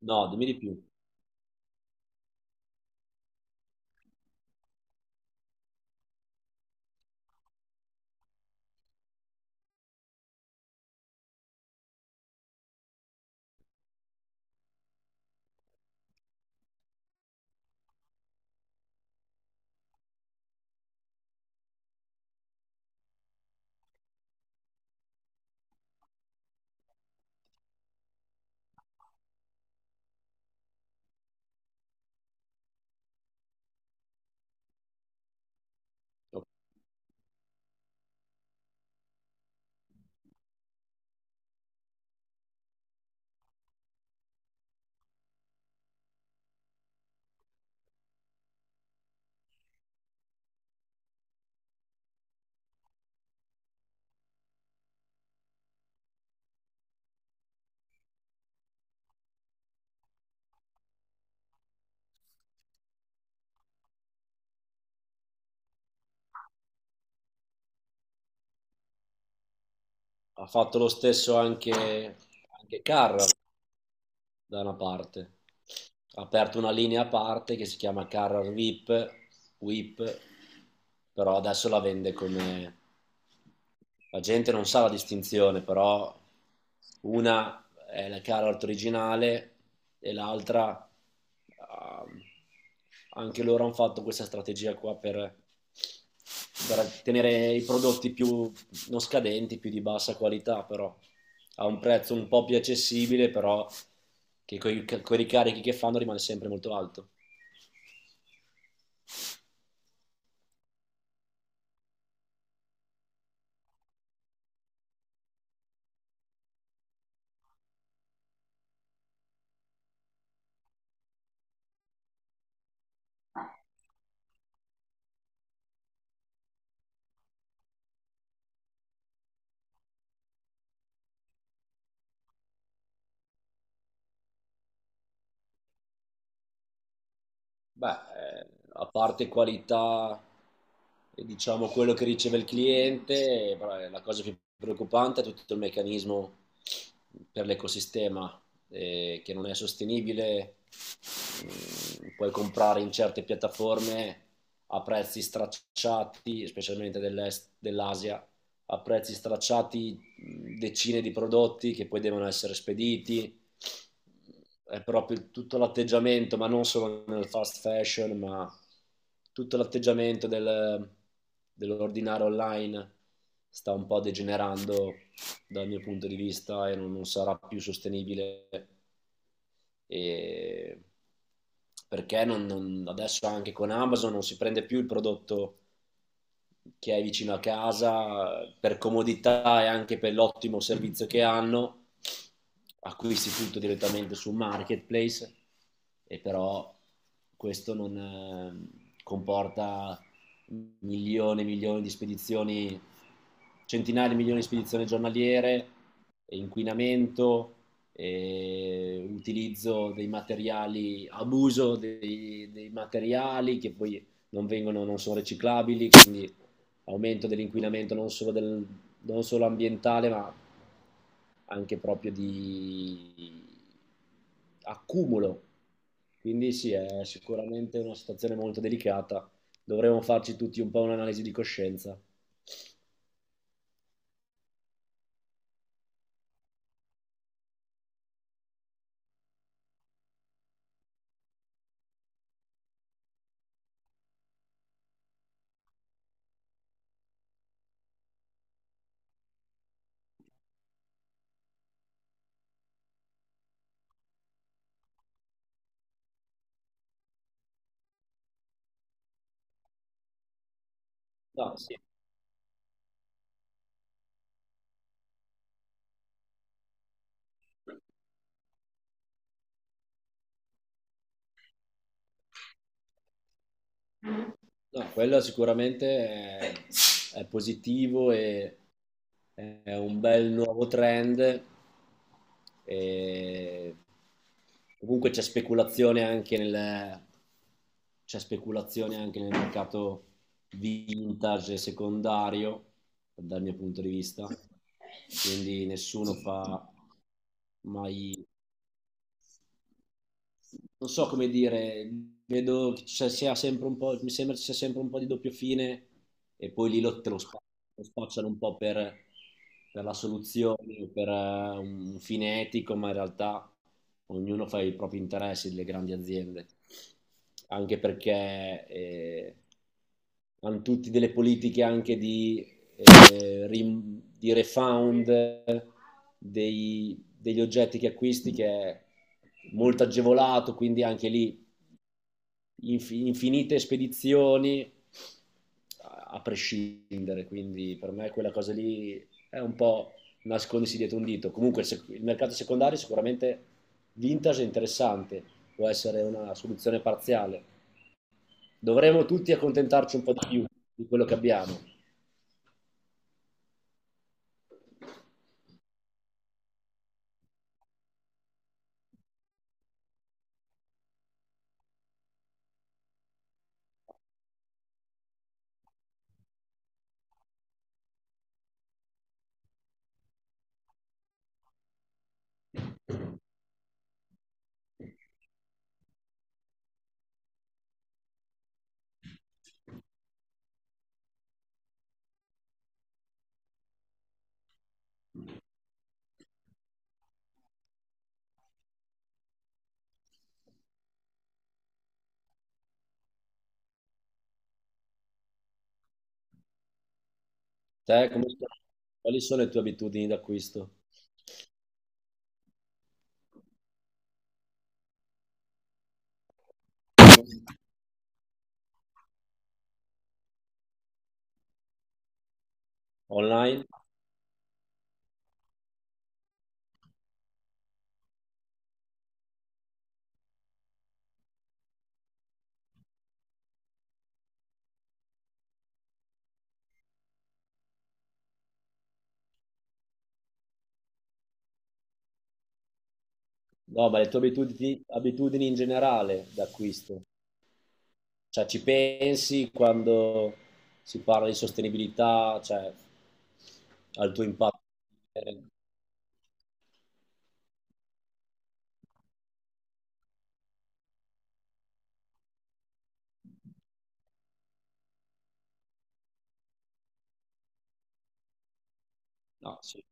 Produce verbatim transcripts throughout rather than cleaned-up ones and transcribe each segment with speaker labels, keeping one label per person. Speaker 1: No, dimmi di più. Ha fatto lo stesso anche, anche Carrar da una parte. Ha aperto una linea a parte che si chiama Carrar V I P, W I P, però adesso la vende come... La gente non sa la distinzione, però una è la Carrar originale e l'altra... ah, anche loro hanno fatto questa strategia qua per per tenere i prodotti più non scadenti, più di bassa qualità, però a un prezzo un po' più accessibile, però che con i ricarichi che fanno rimane sempre molto alto. Beh, eh, A parte qualità e diciamo quello che riceve il cliente, eh, però è la cosa più preoccupante è tutto il meccanismo per l'ecosistema eh, che non è sostenibile. Mm, puoi comprare in certe piattaforme a prezzi stracciati, specialmente dell'est, dell'Asia, a prezzi stracciati mm, decine di prodotti che poi devono essere spediti. È proprio tutto l'atteggiamento, ma non solo nel fast fashion, ma tutto l'atteggiamento del, dell'ordinare online sta un po' degenerando dal mio punto di vista e non, non sarà più sostenibile. E perché non, non, adesso anche con Amazon non si prende più il prodotto che hai vicino a casa per comodità e anche per l'ottimo servizio che hanno. Acquisti tutto direttamente su marketplace, e però questo non eh, comporta milioni e milioni di spedizioni, centinaia di milioni di spedizioni giornaliere, inquinamento, e utilizzo dei materiali, abuso dei, dei materiali che poi non, vengono, non sono riciclabili, quindi aumento dell'inquinamento non solo, del- non solo ambientale, ma anche proprio di accumulo. Quindi sì, è sicuramente una situazione molto delicata. Dovremmo farci tutti un po' un'analisi di coscienza. No, sì. No, quello sicuramente è, è positivo e è un bel nuovo trend. E comunque c'è speculazione anche nel, c'è speculazione anche nel mercato vintage secondario, dal mio punto di vista. Quindi nessuno fa mai, non so come dire, vedo che ci sia sempre un po', mi sembra ci sia sempre un po' di doppio fine e poi lì lo, te lo, spa- lo spacciano un po' per, per la soluzione, per eh, un fine etico, ma in realtà ognuno fa i propri interessi delle grandi aziende, anche perché eh, hanno tutti delle politiche anche di, eh, rim- di refund dei- degli oggetti che acquisti che è molto agevolato, quindi anche lì inf- infinite spedizioni a-, a prescindere, quindi per me quella cosa lì è un po' nascondersi dietro un dito. Comunque se- il mercato secondario sicuramente vintage è interessante, può essere una soluzione parziale. Dovremmo tutti accontentarci un po' di più di quello che abbiamo. Te come- quali sono le tue abitudini d'acquisto? Online? No, ma le tue abitudini, abitudini in generale d'acquisto. Cioè, ci pensi quando si parla di sostenibilità, cioè, al tuo impatto? Eh, No, sì.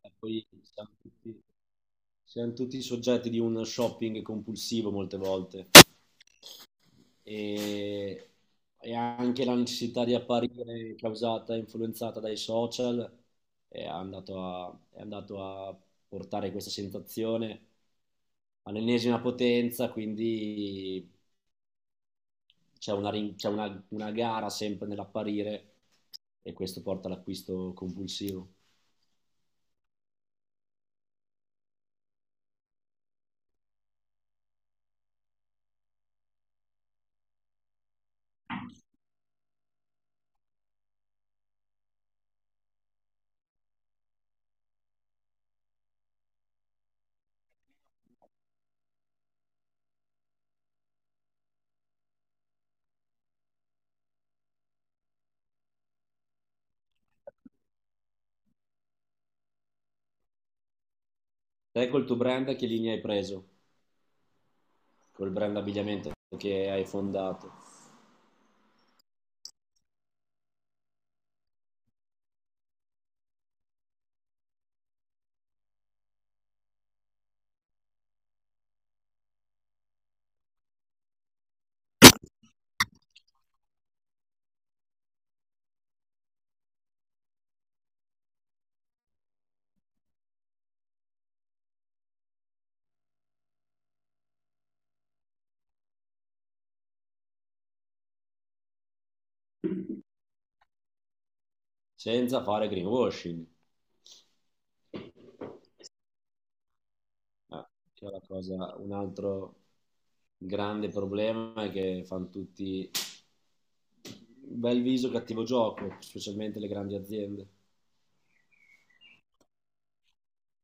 Speaker 1: E poi siamo tutti, siamo tutti soggetti di un shopping compulsivo molte volte. E, e anche l'ansietà di apparire causata, e influenzata dai social, è andato a, è andato a portare questa sensazione all'ennesima potenza, quindi c'è una, rin- c'è una- una gara sempre nell'apparire e questo porta all'acquisto compulsivo. Te col tuo brand che linea hai preso? Col brand abbigliamento che hai fondato, senza fare greenwashing. Ah, che è la cosa- un altro grande problema è che fanno tutti bel viso, cattivo gioco, specialmente le grandi aziende.